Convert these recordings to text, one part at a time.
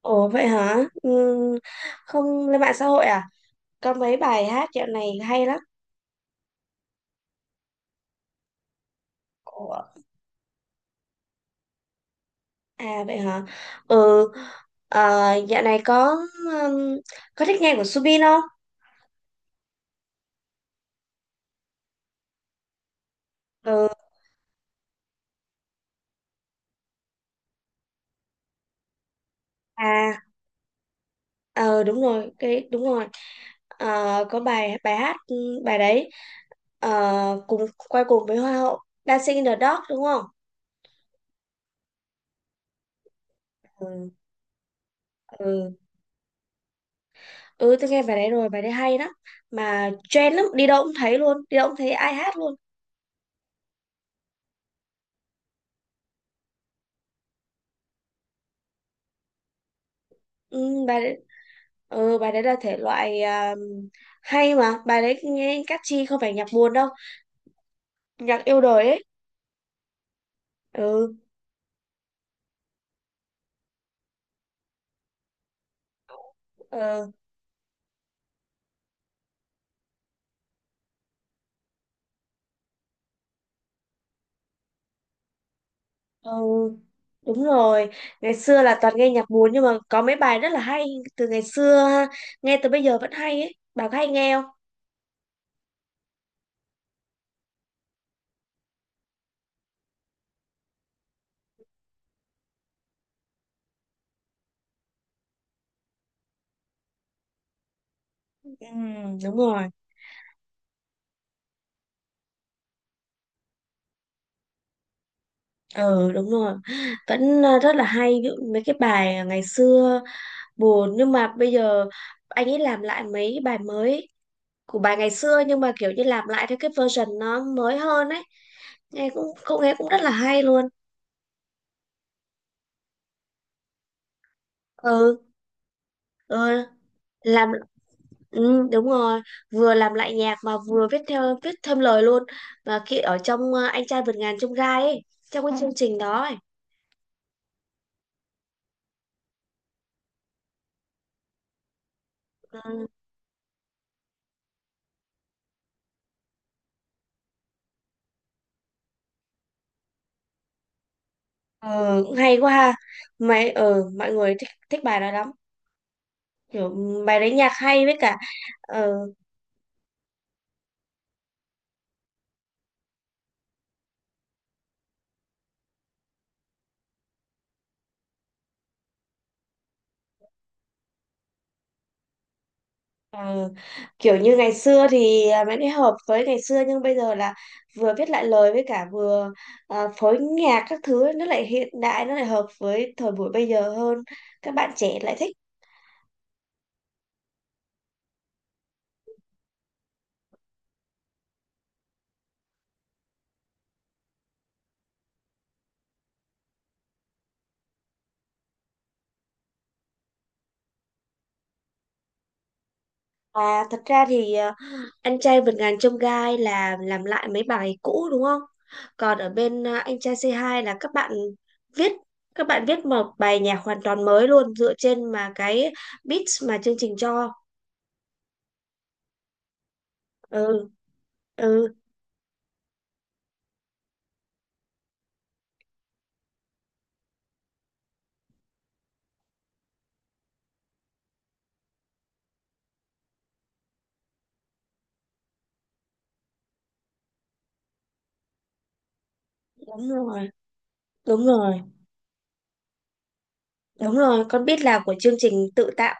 Ồ vậy hả? Ừ, không lên mạng xã hội à? Có mấy bài hát dạo này hay lắm. Ủa? À vậy hả? Ừ, à, dạo này um, có thích nghe của Subin không? Ừ, à, ờ đúng rồi, cái đúng rồi. Ờ, có bài bài hát bài đấy, cùng quay cùng với Hoa hậu, Dancing in the Dark, đúng không? Ừ, ừ, ừ, tôi nghe bài đấy rồi, bài đấy hay lắm. Mà trend lắm, đi đâu cũng thấy luôn, đi đâu cũng thấy ai hát luôn. Ừ, bài Ừ, bài đấy là thể loại hay, mà bài đấy nghe catchy, không phải nhạc buồn đâu, nhạc yêu đời ấy. Ừ, ừ, ừ, đúng rồi, ngày xưa là toàn nghe nhạc buồn nhưng mà có mấy bài rất là hay từ ngày xưa ha. Nghe từ bây giờ vẫn hay ấy, bà có hay nghe không? Ừ, đúng rồi, ừ đúng rồi, vẫn rất là hay, ví dụ mấy cái bài ngày xưa buồn nhưng mà bây giờ anh ấy làm lại mấy bài mới của bài ngày xưa, nhưng mà kiểu như làm lại theo cái version nó mới hơn ấy, nghe cũng cũng nghe cũng rất là hay luôn. Ừ, ừ, làm ừ, đúng rồi, vừa làm lại nhạc mà vừa viết thêm lời luôn, và khi ở trong anh trai vượt ngàn chông gai ấy, trong cái chương trình đó ấy. Ừ, cũng hay quá ha. Mấy mọi người thích thích bài đó lắm, kiểu bài đấy nhạc hay với cả. Ừ. Ờ, kiểu như ngày xưa thì vẫn hợp với ngày xưa, nhưng bây giờ là vừa viết lại lời với cả vừa phối nhạc các thứ ấy, nó lại hiện đại, nó lại hợp với thời buổi bây giờ hơn, các bạn trẻ lại thích. À, thật ra thì anh trai vượt ngàn chông gai là làm lại mấy bài cũ đúng không, còn ở bên anh trai c hai là các bạn viết, một bài nhạc hoàn toàn mới luôn dựa trên mà cái beats mà chương trình cho. Ừ, ừ, đúng rồi, đúng rồi. Đúng rồi, con biết là của chương trình tự tạo,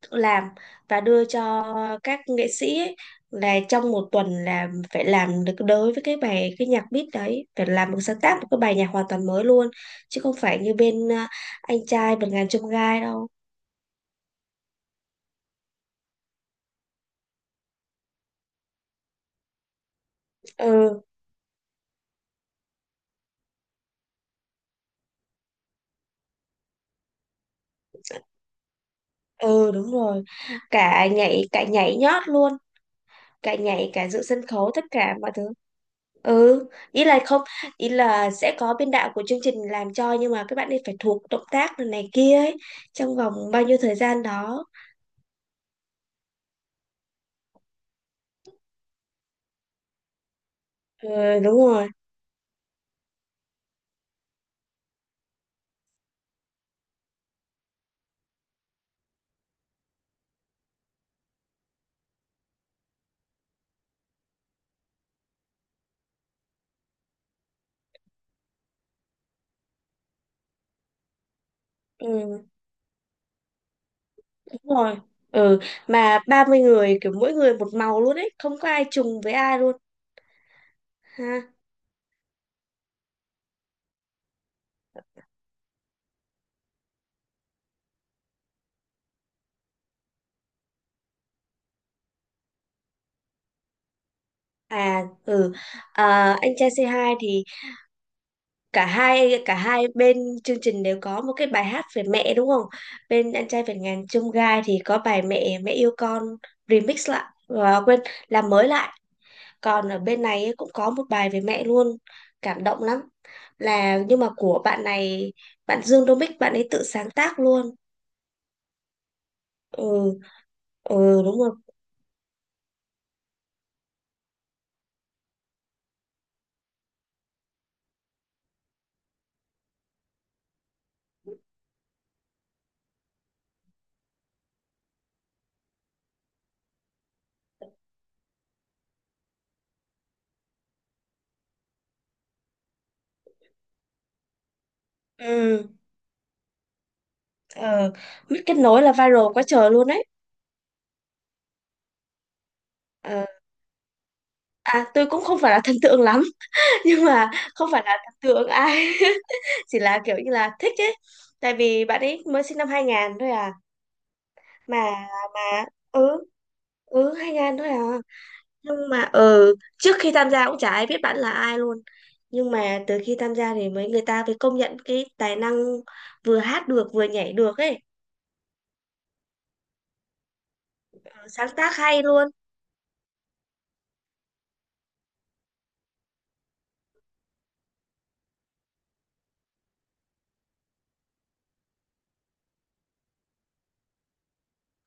tự làm và đưa cho các nghệ sĩ ấy, là trong một tuần là phải làm được đối với cái nhạc beat đấy, phải làm một sáng tác một cái bài nhạc hoàn toàn mới luôn, chứ không phải như bên anh trai vượt ngàn chông gai đâu. Ừ, ừ đúng rồi. Cả nhảy nhót luôn. Cả nhảy cả dự sân khấu tất cả mọi thứ. Ừ, ý là không, ý là sẽ có biên đạo của chương trình làm cho, nhưng mà các bạn ấy phải thuộc động tác này, này kia ấy trong vòng bao nhiêu thời gian đó. Ừ, đúng rồi. Ừ, đúng rồi. Ừ, mà 30 người kiểu mỗi người một màu luôn ấy, không có ai trùng với ai luôn ha. À. Ừ. À, anh trai c hai thì cả hai bên chương trình đều có một cái bài hát về mẹ đúng không? Bên anh trai vượt ngàn chông gai thì có bài mẹ mẹ yêu con remix lại và quên làm mới lại. Còn ở bên này ấy cũng có một bài về mẹ luôn, cảm động lắm. Là nhưng mà của bạn này, bạn Dương Đô Mích bạn ấy tự sáng tác luôn. Ừ, ừ đúng rồi. Ừ, ờ, Mít kết nối là viral quá trời luôn đấy. Ờ, à tôi cũng không phải là thần tượng lắm nhưng mà không phải là thần tượng ai. Chỉ là kiểu như là thích ấy, tại vì bạn ấy mới sinh năm 2000 thôi à. Mà mà ừ, ừ, 2000 thôi à, nhưng mà ừ trước khi tham gia cũng chả ai biết bạn là ai luôn, nhưng mà từ khi tham gia thì mấy người ta mới công nhận cái tài năng, vừa hát được vừa nhảy được ấy. Ừ, sáng tác hay luôn.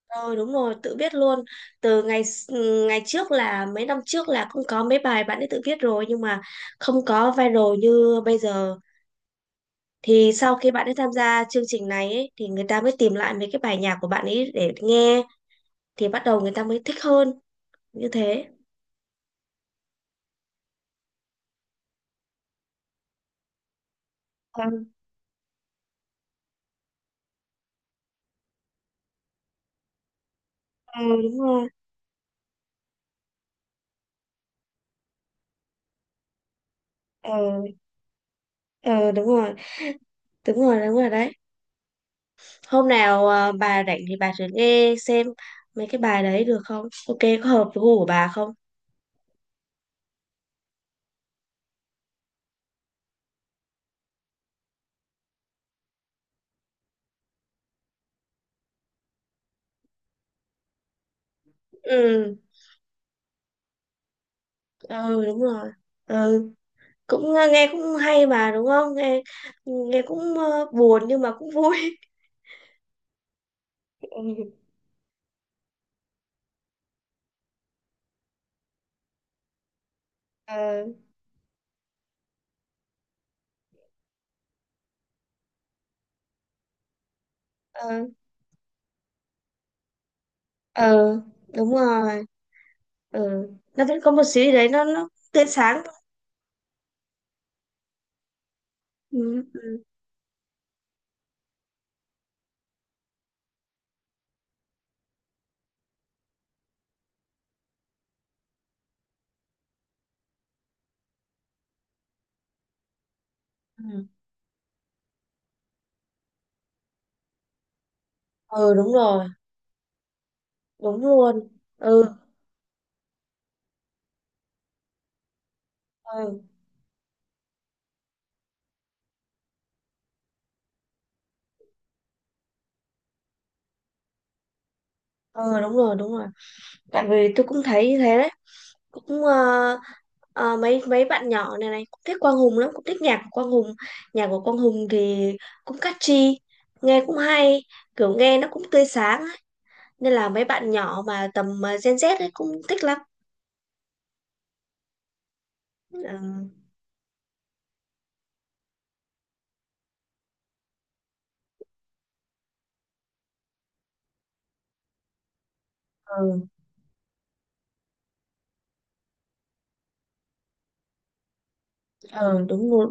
Ừ đúng rồi, tự viết luôn. Từ ngày s- ừ, Ngày trước là mấy năm trước là cũng có mấy bài bạn ấy tự viết rồi nhưng mà không có viral như bây giờ. Thì sau khi bạn ấy tham gia chương trình này ấy, thì người ta mới tìm lại mấy cái bài nhạc của bạn ấy để nghe, thì bắt đầu người ta mới thích hơn như thế. Ừ. Ừ, đúng rồi. Ừ, ừ, đúng rồi. Đúng rồi, đúng rồi đấy. Hôm nào bà rảnh thì bà thử nghe xem mấy cái bài đấy được không? Ok, có hợp với gu của bà không? Ừ, ừ, đúng rồi. Ừ, cũng nghe cũng hay mà đúng không? Nghe nghe cũng buồn nhưng mà cũng vui. Ừ, ờ, ờ, ờ, đúng rồi. Ừ. Nó vẫn có một xíu đấy, nó tươi sáng. Ừ. Ừ. Ừ. Ừ đúng rồi, đúng luôn. Ừ, ừ, ừ, đúng rồi, đúng rồi, tại vì tôi cũng thấy như thế đấy, cũng mấy mấy bạn nhỏ này này cũng thích Quang Hùng lắm, cũng thích nhạc của Quang Hùng, nhạc của Quang Hùng thì cũng catchy, nghe cũng hay, kiểu nghe nó cũng tươi sáng ấy. Nên là mấy bạn nhỏ mà tầm Gen Z ấy cũng thích lắm. Ừ. Ừ, ừ đúng rồi,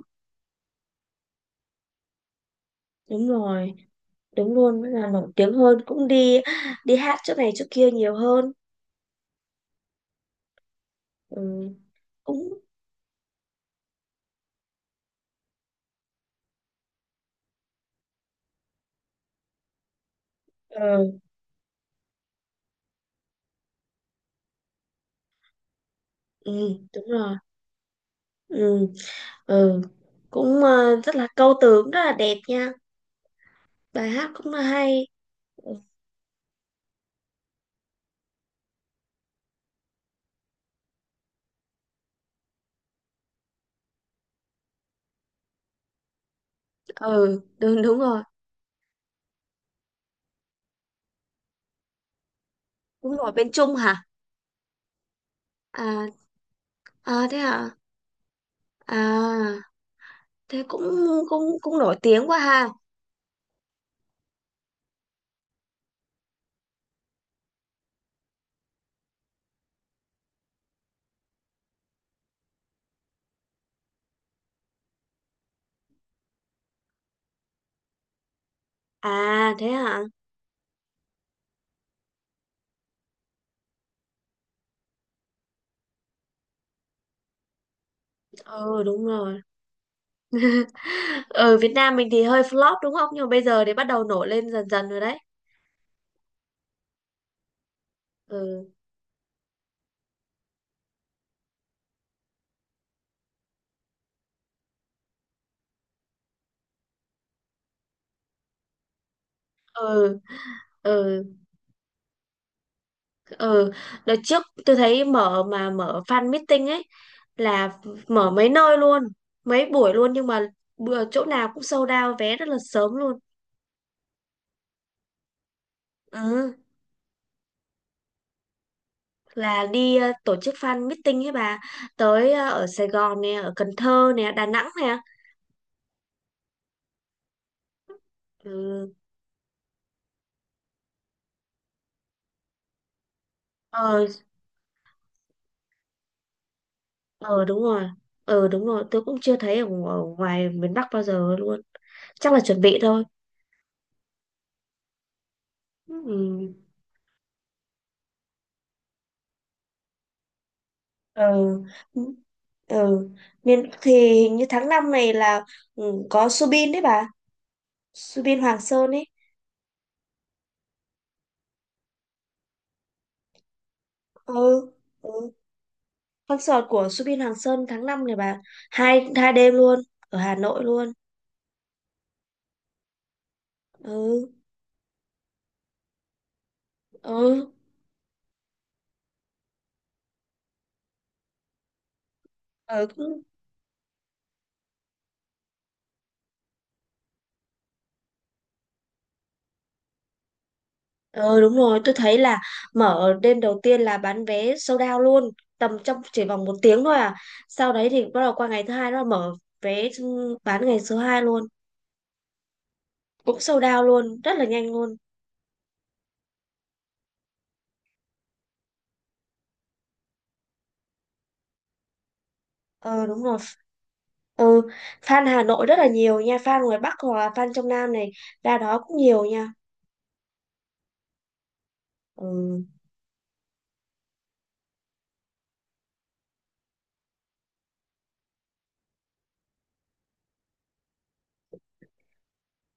đúng rồi, đúng luôn là nổi tiếng hơn, cũng đi đi hát chỗ này chỗ kia nhiều hơn. Ừ, cũng ờ, ừ, đúng rồi. Ừ, ừ. Cũng rất là câu từ cũng rất là đẹp nha, bài hát cũng là hay. Ừ, ừ, đúng đúng rồi. Cũng nổi bên Trung hả? À. À thế hả? À, thế cũng cũng cũng nổi tiếng quá ha. À thế hả? Ừ đúng rồi. Ở Việt Nam mình thì hơi flop đúng không, nhưng mà bây giờ thì bắt đầu nổi lên dần dần rồi đấy. Ừ. Ừ. Ừ. Ừ, đợt trước tôi thấy mở fan meeting ấy, là mở mấy nơi luôn, mấy buổi luôn, nhưng mà bữa chỗ nào cũng sold out vé rất là sớm luôn. Ừ, là đi tổ chức fan meeting ấy bà, tới ở Sài Gòn nè, ở Cần Thơ nè, Đà Nẵng nè. Ừ. Ờ. Ờ đúng rồi, ờ đúng rồi, tôi cũng chưa thấy ở ngoài miền Bắc bao giờ luôn, chắc là chuẩn bị thôi. Ừ. Ừ. Ừ. Miền thì hình như tháng 5 này là có Subin đấy bà, Subin Hoàng Sơn ấy. Ừ. Ừ. Concert của Subin Hoàng Sơn tháng 5 này bà, hai 2 đêm luôn, ở Hà Nội luôn. Ừ. Ừ. ừ, cũng- ừ đúng rồi, tôi thấy là mở đêm đầu tiên là bán vé sold out luôn, tầm trong chỉ vòng một tiếng thôi à. Sau đấy thì bắt đầu qua ngày thứ hai, nó mở vé bán ngày số 2 luôn, cũng sold out luôn rất là nhanh luôn. Ờ đúng rồi. Ừ, fan Hà Nội rất là nhiều nha, fan ngoài Bắc hoặc là fan trong Nam này ra đó cũng nhiều nha. Ừ.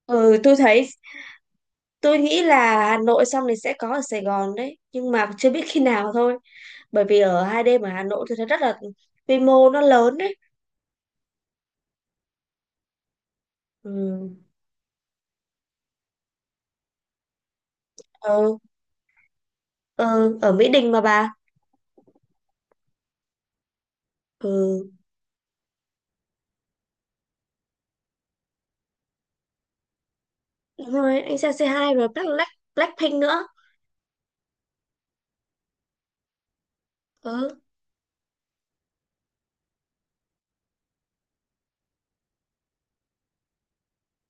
Ừ, tôi nghĩ là Hà Nội xong thì sẽ có ở Sài Gòn đấy, nhưng mà chưa biết khi nào thôi. Bởi vì ở 2 đêm ở Hà Nội tôi thấy rất là quy mô, nó lớn đấy. Ừ. Ừ, ừ, ở Mỹ Đình mà bà. Ừ. Đúng rồi, anh Sang C2 rồi Black, Black, Blackpink nữa. Ừ.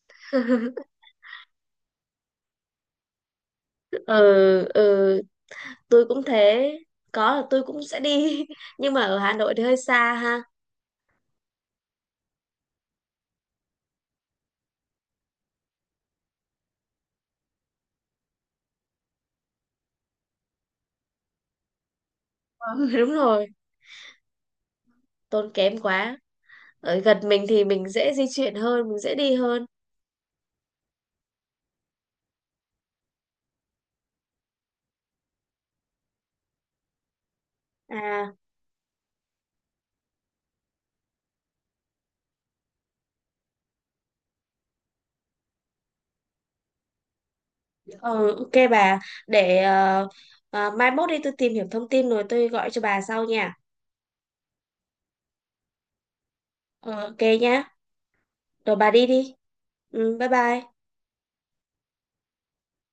Ừ, ừ, tôi cũng thế, có là tôi cũng sẽ đi nhưng mà ở Hà Nội thì hơi xa ha. Ờ, đúng rồi, tốn kém quá. Ở gần mình thì mình dễ di chuyển hơn, mình dễ đi hơn. À, ừ, ok bà, để mai mốt đi tôi tìm hiểu thông tin rồi tôi gọi cho bà sau nha. Ờ, ok nhá, rồi bà đi đi. Ừ, bye bye.